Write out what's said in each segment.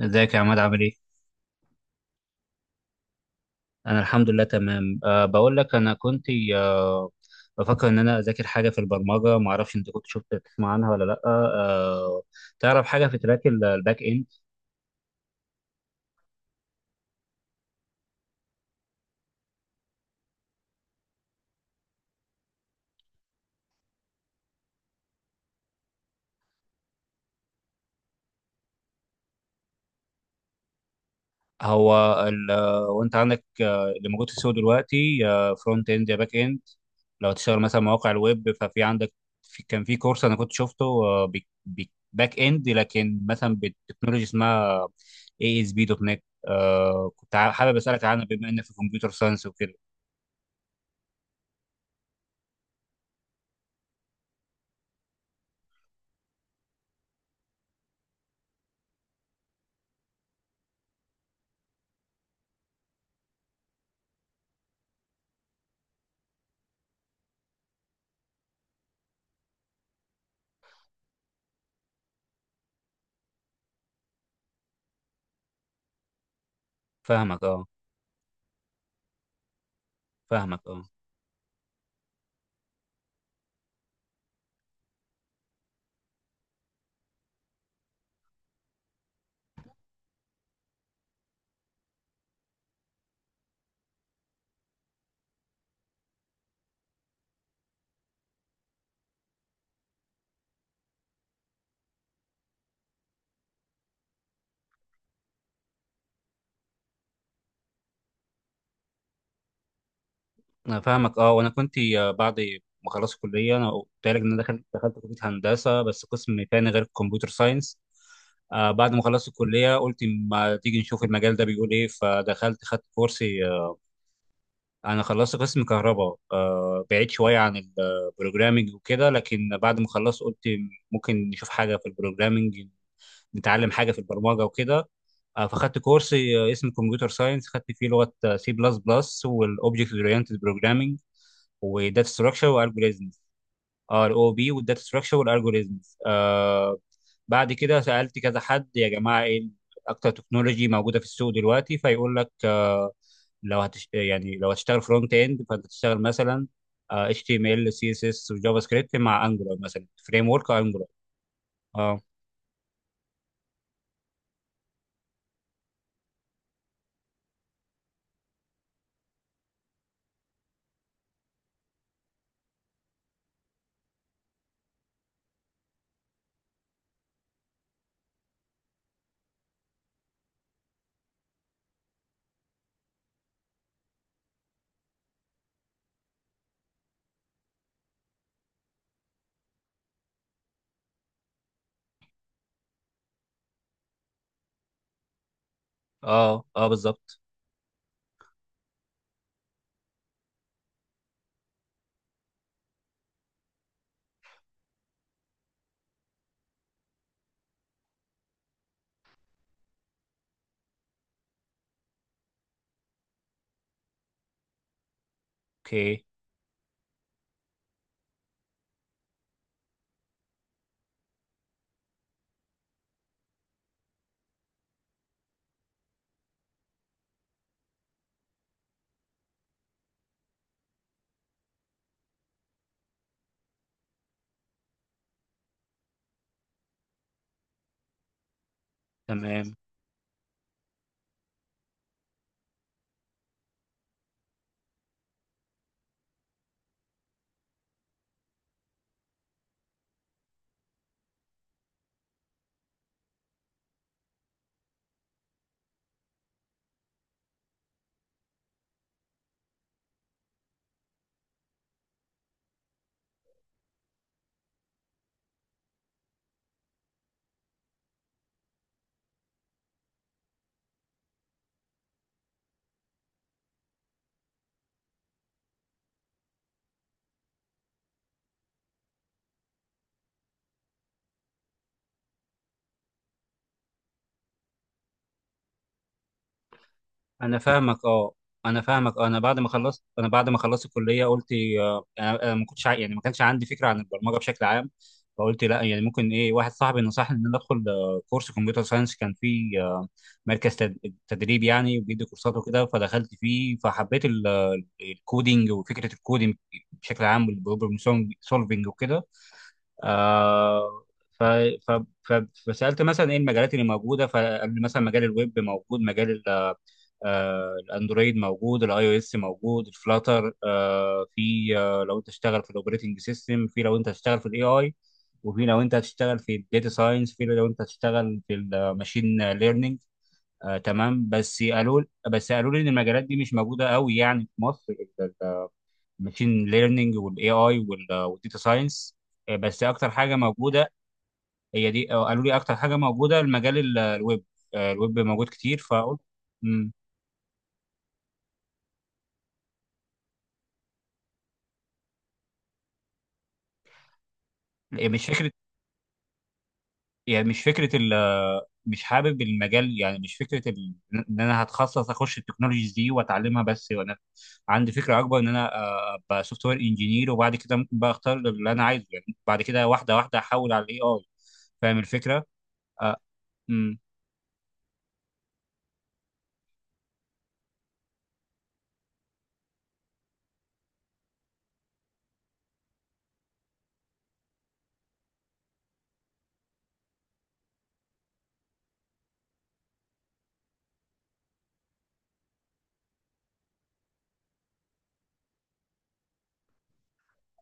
ازيك يا عماد عامل ايه؟ انا الحمد لله تمام. بقول لك انا كنت، أه بفكر ان انا اذاكر حاجه في البرمجه. ما اعرفش انت كنت شفت تسمع عنها ولا لا؟ تعرف حاجه في تراك الباك اند؟ هو ال... وانت عندك اللي موجود في السوق دلوقتي، فرونت اند يا باك اند. لو تشتغل مثلا مواقع الويب ففي عندك، في كان في كورس انا كنت شفته، باك اند، لكن مثلا بتكنولوجي اسمها اي اس بي دوت نت. كنت حابب اسالك عنها بما انك في كمبيوتر ساينس وكده. فاهمك اه. فاهمك اه. انا فاهمك اه. وانا كنت، بعد ما خلصت الكليه انا قلت لك ان انا دخلت كليه هندسه بس قسم تاني غير الكمبيوتر ساينس. بعد ما خلصت الكليه قلت ما تيجي نشوف المجال ده بيقول ايه، فدخلت خدت كورس. انا خلصت قسم كهرباء. بعيد شويه عن البروجرامينج وكده، لكن بعد ما خلصت قلت ممكن نشوف حاجه في البروجرامينج، نتعلم حاجه في البرمجه وكده. فخدت كورس اسمه كمبيوتر ساينس، خدت فيه لغه سي بلس بلس والاوبجكت اورينتد بروجرامينج وداتا ستراكشر والجوريزمز. ار او بي والداتا ستراكشر والالجوريزمز. بعد كده سالت كذا حد، يا جماعه ايه اكتر تكنولوجي موجوده في السوق دلوقتي؟ فيقول لك يعني لو هتشتغل فرونت اند فانت تشتغل مثلا HTML CSS وجافا سكريبت، مع انجولار، مثلا فريم ورك انجولار. اه اه اه بالظبط. اوكي تمام. انا فاهمك اه. انا فاهمك آه. انا بعد ما خلصت الكليه قلت. آه، انا أنا ما كنتش يعني ما كانش عندي فكره عن البرمجه بشكل عام. فقلت لا يعني، ممكن ايه، واحد صاحبي نصحني ان انا ادخل كورس كمبيوتر ساينس. كان فيه مركز تدريب يعني، وبيدي كورسات وكده. فدخلت فيه فحبيت الكودينج وفكره الكودينج بشكل عام، والبروبلم سولفنج وكده. آه ف ف ف فسالت مثلا ايه المجالات اللي موجوده، فقال لي مثلا مجال الويب موجود، مجال الاندرويد موجود، الاي او اس موجود، الفلاتر. في لو انت تشتغل في الاوبريتنج سيستم، في لو انت هتشتغل في الاي اي، وفي لو انت هتشتغل في الداتا ساينس، في لو انت هتشتغل في الماشين ليرنينج. تمام. بس قالوا لي ان المجالات دي مش موجوده قوي يعني في مصر، الماشين ليرنينج والاي اي والداتا ساينس. بس اكتر حاجه موجوده هي دي. قالوا لي اكتر حاجه موجوده المجال الويب. الويب موجود كتير. فقلت مم. مش فكره. يعني مش فكره، مش حابب المجال. يعني مش فكره ان انا هتخصص اخش التكنولوجيز دي واتعلمها بس، وانا عندي فكره اكبر ان انا ابقى سوفت وير انجينير، وبعد كده ممكن بقى اختار اللي انا عايزه، يعني بعد كده واحده واحده احول على الاي اي. فاهم الفكره؟ آه. أمم.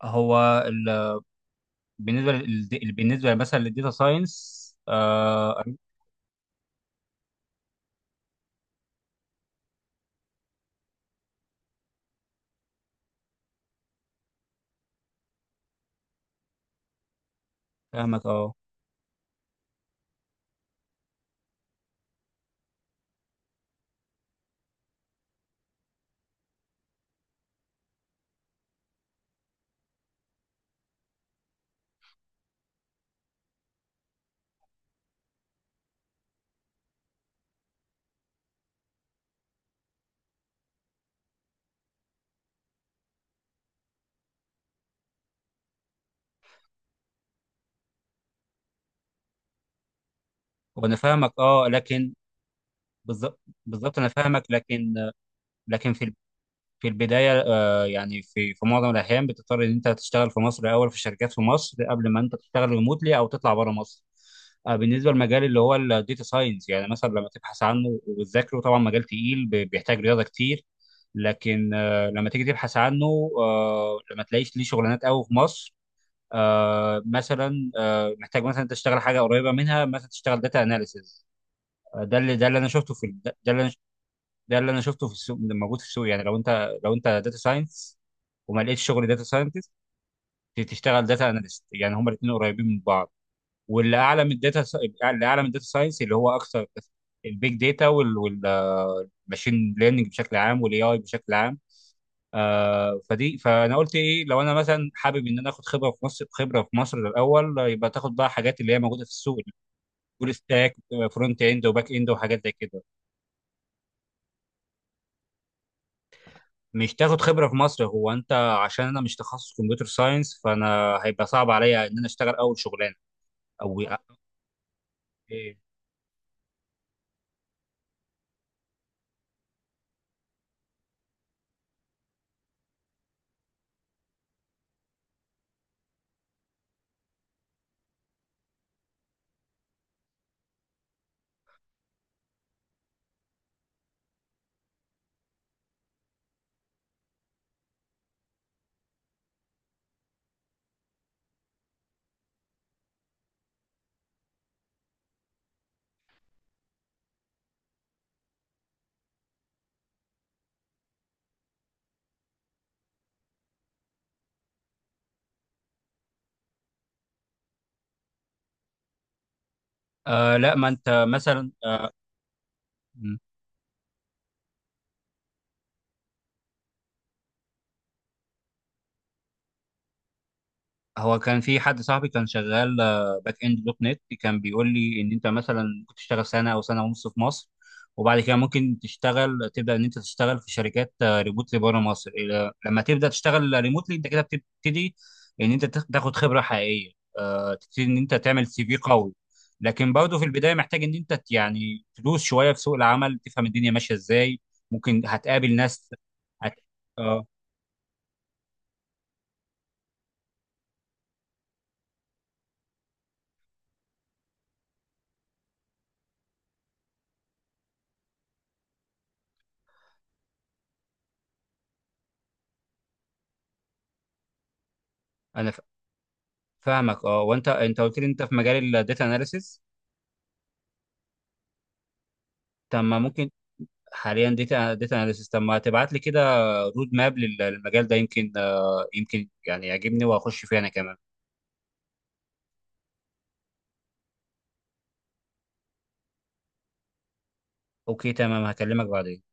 هو ال... بالنسبه لل... بالنسبه مثلا للديتا ساينس. أنا فاهمك اه. وانا فاهمك اه، لكن. بالظبط، بالظبط. انا فاهمك، لكن. في البداية، يعني في معظم الأحيان بتضطر إن أنت تشتغل في مصر الأول، في شركات في مصر، قبل ما أنت تشتغل ريموتلي أو تطلع بره مصر. بالنسبة للمجال اللي هو الداتا ساينس، يعني مثلا لما تبحث عنه وتذاكره طبعا مجال تقيل، بيحتاج رياضة كتير. لكن لما تيجي تبحث عنه، لما تلاقيش ليه شغلانات قوي في مصر. مثلا محتاج مثلا تشتغل حاجة قريبة منها، مثلا تشتغل داتا أناليسز. ده اللي ده اللي أنا شفته في ده اللي أنا ده اللي انا شفته في السوق، موجود في السوق. يعني لو انت داتا ساينس وما لقيتش شغل داتا ساينتست، تشتغل داتا اناليست، يعني هما الاثنين قريبين من بعض. واللي اعلى من الداتا، اللي اعلى من الداتا ساينس اللي هو اكثر، البيج داتا والماشين ليرنينج بشكل عام والاي اي بشكل عام. فدي، فانا قلت ايه لو انا مثلا حابب ان انا اخد خبره في مصر، خبره في مصر الاول. يبقى تاخد بقى حاجات اللي هي موجوده في السوق: فول ستاك، فرونت اند وباك اند وحاجات زي كده. مش تاخد خبرة في مصر هو انت. عشان انا مش تخصص كمبيوتر ساينس، فانا هيبقى صعب عليا ان انا اشتغل اول شغلانة. او آه، اوكي. لا، ما انت مثلا هو كان في حد صاحبي كان شغال باك اند دوت نت، كان بيقول لي ان انت مثلا ممكن تشتغل سنه او سنه ونص في مصر، وبعد كده ممكن تشتغل، تبدا ان انت تشتغل في شركات ريموتلي بره مصر. لما تبدا تشتغل ريموتلي انت كده بتبتدي ان انت تاخد خبره حقيقيه، تبتدي ان انت تعمل سي في قوي. لكن برضه في البدايه محتاج ان انت يعني تدوس شويه في سوق العمل، تفهم الدنيا ماشيه ازاي. ممكن هتقابل ناس هت... اه. انا فاهمك اه. وانت قلت لي انت في مجال الداتا اناليسيس. طب ما ممكن حاليا داتا اناليسيس. طب ما تبعت لي كده رود ماب للمجال ده، يمكن يمكن يعني يعجبني واخش فيه انا كمان. اوكي تمام، هكلمك بعدين.